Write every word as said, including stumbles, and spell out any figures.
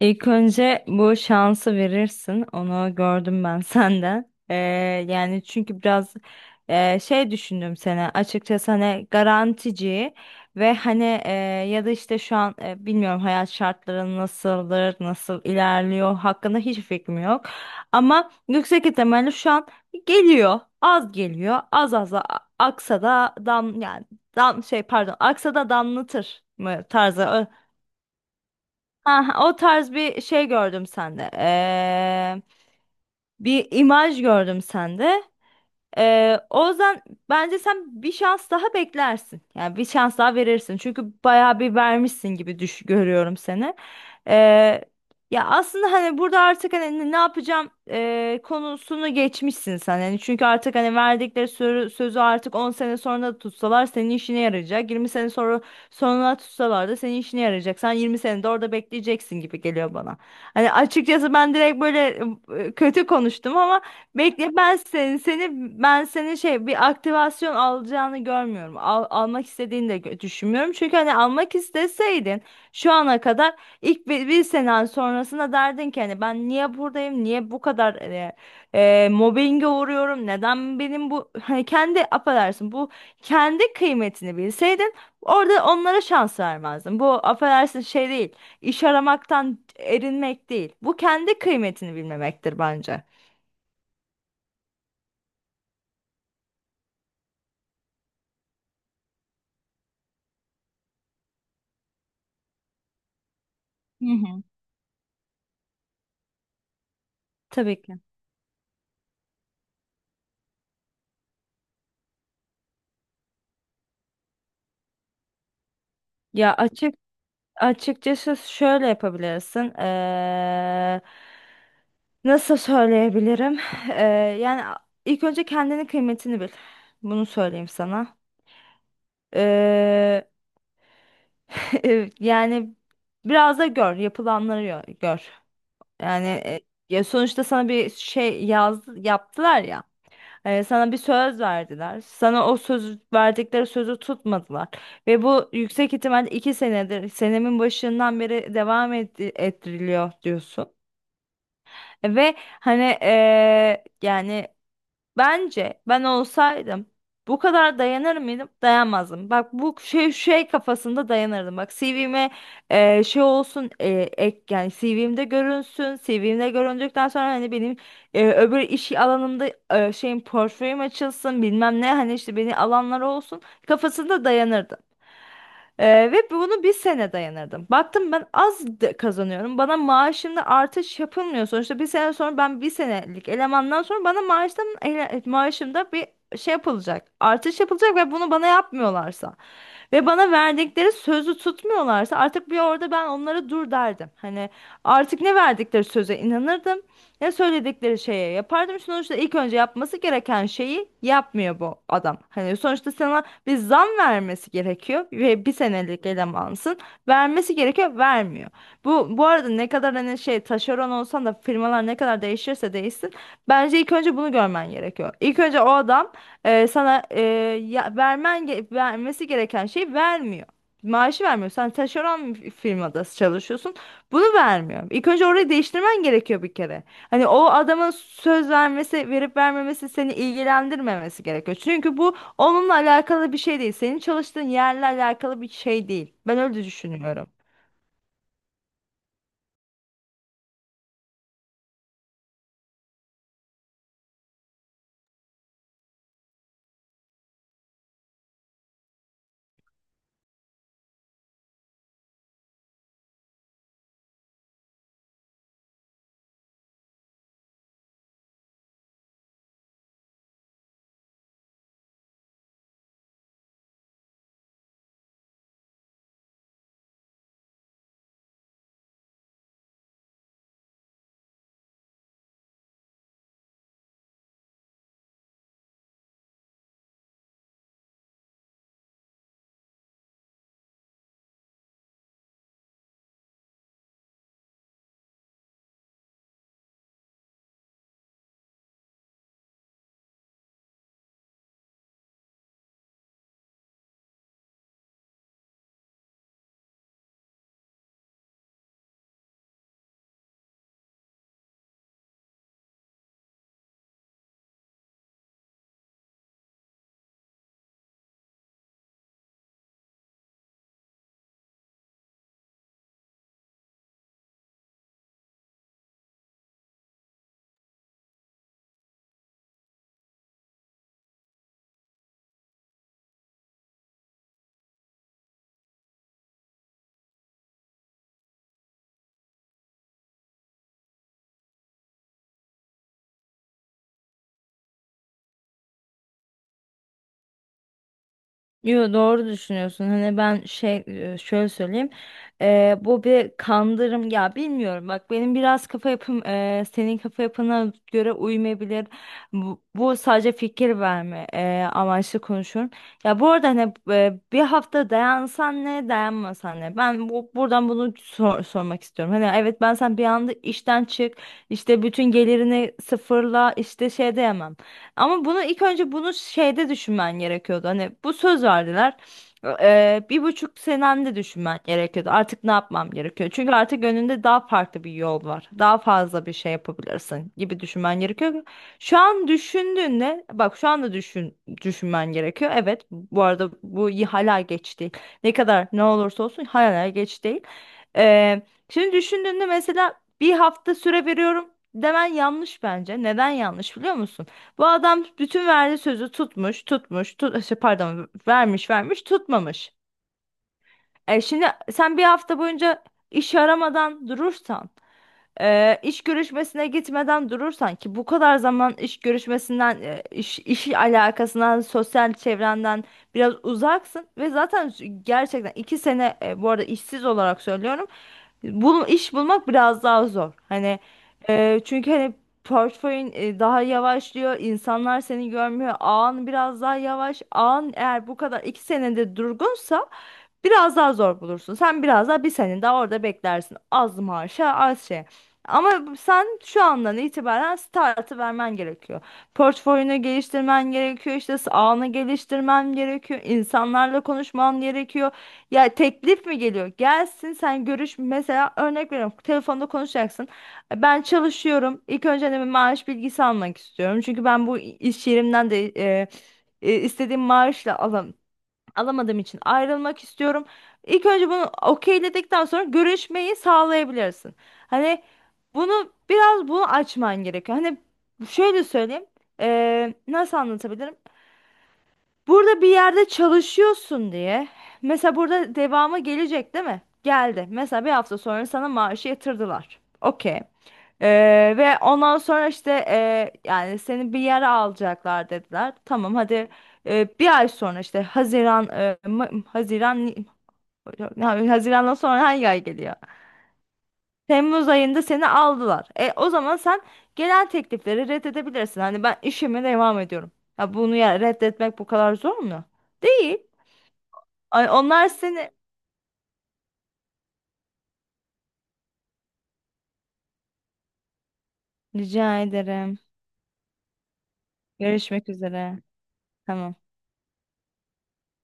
İlk önce bu şansı verirsin. Onu gördüm ben senden. Ee, yani çünkü biraz e, şey düşündüm sana. Açıkçası hani garantici ve hani e, ya da işte şu an e, bilmiyorum hayat şartları nasıldır, nasıl ilerliyor hakkında hiç fikrim yok. Ama yüksek ihtimalle şu an geliyor. Az geliyor. Az az a- aksa da dam yani dam şey pardon aksa da damlatır mı tarzı. Ha, o tarz bir şey gördüm sende. Ee, bir imaj gördüm sende. Ee, o yüzden bence sen bir şans daha beklersin. Yani bir şans daha verirsin. Çünkü bayağı bir vermişsin gibi düş görüyorum seni. Ee, Ya aslında hani burada artık hani ne yapacağım ee, konusunu geçmişsin sen. Yani çünkü artık hani verdikleri sözü, sözü artık on sene sonra da tutsalar senin işine yarayacak. Yirmi sene sonra sonra tutsalar da senin işine yarayacak. Sen yirmi sene de orada bekleyeceksin gibi geliyor bana. Hani açıkçası ben direkt böyle e, kötü konuştum ama. Bekle ben seni, seni Ben seni şey bir aktivasyon alacağını görmüyorum. Al- almak istediğini de gö- düşünmüyorum. Çünkü hani almak isteseydin şu ana kadar ilk bir, bir sene sonrasında derdin ki hani ben niye buradayım? Niye bu kadar e, e, mobbinge uğruyorum? Neden benim bu hani kendi affedersin bu kendi kıymetini bilseydin orada onlara şans vermezdin. Bu affedersin şey değil. İş aramaktan erinmek değil. Bu kendi kıymetini bilmemektir bence. Hı hı. Tabii ki. Ya açık Açıkçası şöyle yapabilirsin. Ee, nasıl söyleyebilirim? Ee, yani a- ilk önce kendinin kıymetini bil. Bunu söyleyeyim sana. Ee, Yani biraz da gör, yapılanları yo- gör. Yani e, Ya sonuçta sana bir şey yaz yaptılar ya. Ee, sana bir söz verdiler. Sana o söz verdikleri sözü tutmadılar. Ve bu yüksek ihtimal iki senedir, senemin başından beri devam etti- ettiriliyor diyorsun. Ve hani eee, yani bence ben olsaydım bu kadar dayanır mıydım? Dayanmazdım. Bak bu şey şey kafasında dayanırdım. Bak C V'me e, şey olsun e, ek yani C V'mde görünsün. C V'mde göründükten sonra hani benim e, öbür iş alanımda e, şeyin portföyüm açılsın bilmem ne hani işte beni alanlar olsun kafasında dayanırdım. Ee, ve bunu bir sene dayanırdım. Baktım ben az da- kazanıyorum. Bana maaşımda artış yapılmıyor. Sonuçta bir sene sonra ben bir senelik elemandan sonra bana maaştan ele- e, maaşımda bir şey yapılacak. Artış yapılacak ve bunu bana yapmıyorlarsa ve bana verdikleri sözü tutmuyorlarsa artık bir orada ben onlara dur derdim. Hani artık ne verdikleri söze inanırdım. Ne söyledikleri şeye yapardım. Sonuçta ilk önce yapması gereken şeyi yapmıyor bu adam. Hani sonuçta sen bir zam vermesi gerekiyor ve bir senelik elemansın. Vermesi gerekiyor, vermiyor. Bu bu arada ne kadar hani şey taşeron olsan da firmalar ne kadar değişirse değişsin bence ilk önce bunu görmen gerekiyor. İlk önce o adam e, sana e, ya, vermen ge- vermesi gereken şeyi vermiyor. Maaşı vermiyor. Sen taşeron bir firmada çalışıyorsun. Bunu vermiyor. İlk önce orayı değiştirmen gerekiyor bir kere. Hani o adamın söz vermesi, verip vermemesi seni ilgilendirmemesi gerekiyor. Çünkü bu onunla alakalı bir şey değil. Senin çalıştığın yerle alakalı bir şey değil. Ben öyle düşünüyorum. Yo, doğru düşünüyorsun. Hani ben şey e, şöyle söyleyeyim. Eee, bu bir kandırım ya bilmiyorum. Bak benim biraz kafa yapım eee, senin kafa yapına göre uymayabilir. Bu, bu sadece fikir verme eee, amaçlı konuşuyorum. Ya bu arada hani e, bir hafta dayansan ne dayanmasan ne. Ben bu, buradan bunu sor- sormak istiyorum. Hani evet ben sen bir anda işten çık işte bütün gelirini sıfırla işte şey diyemem. Ama bunu ilk önce bunu şeyde düşünmen gerekiyordu. Hani bu söz verdiler. Eee, bir buçuk senemde düşünmen gerekiyordu. Artık ne yapmam gerekiyor? Çünkü artık önünde daha farklı bir yol var. Daha fazla bir şey yapabilirsin gibi düşünmen gerekiyor. Şu an düşündüğünde bak şu anda düşün düşünmen gerekiyor. Evet bu arada bu y- hala geç değil. Ne kadar ne olursa olsun hala geç değil. Eee, Şimdi düşündüğünde mesela bir hafta süre veriyorum demen yanlış bence. Neden yanlış biliyor musun? Bu adam bütün verdiği sözü tutmuş, tutmuş, tut, şey, pardon vermiş, vermiş, tutmamış. E, şimdi sen bir hafta boyunca iş aramadan durursan, e, iş görüşmesine gitmeden durursan ki bu kadar zaman iş görüşmesinden, e, iş, iş alakasından, sosyal çevrenden biraz uzaksın ve zaten gerçekten iki sene, e, bu arada işsiz olarak söylüyorum. Bul, iş bulmak biraz daha zor. Hani e, çünkü hani portföyün e, daha yavaşlıyor. İnsanlar seni görmüyor. Ağın biraz daha yavaş. Ağın eğer bu kadar iki senede durgunsa biraz daha zor bulursun. Sen biraz daha bir sene daha orada beklersin. Az maaşa az şey. Ama sen şu andan itibaren startı vermen gerekiyor. Portföyünü geliştirmen gerekiyor. İşte ağını geliştirmen gerekiyor. İnsanlarla konuşman gerekiyor. Ya teklif mi geliyor? Gelsin sen görüş mesela örnek veriyorum telefonda konuşacaksın. Ben çalışıyorum. İlk önce de bir maaş bilgisi almak istiyorum. Çünkü ben bu iş yerimden de e, e, istediğim maaşla alam alamadığım için ayrılmak istiyorum. İlk önce bunu okeyledikten sonra görüşmeyi sağlayabilirsin. Hani bunu biraz bunu açman gerekiyor. Hani şöyle söyleyeyim. E, nasıl anlatabilirim? Burada bir yerde çalışıyorsun diye. Mesela burada devamı gelecek değil mi? Geldi. Mesela bir hafta sonra sana maaşı yatırdılar. Okey. Ee, ve ondan sonra işte e, yani seni bir yere alacaklar dediler. Tamam hadi e, bir ay sonra işte Haziran e, Ma- Haziran ya, Haziran'dan sonra hangi ay geliyor? Temmuz ayında seni aldılar. E, o zaman sen gelen teklifleri reddedebilirsin. Hani ben işime devam ediyorum. Ya bunu ya reddetmek bu kadar zor mu? Değil. Ay onlar seni rica ederim. Görüşmek üzere. Tamam.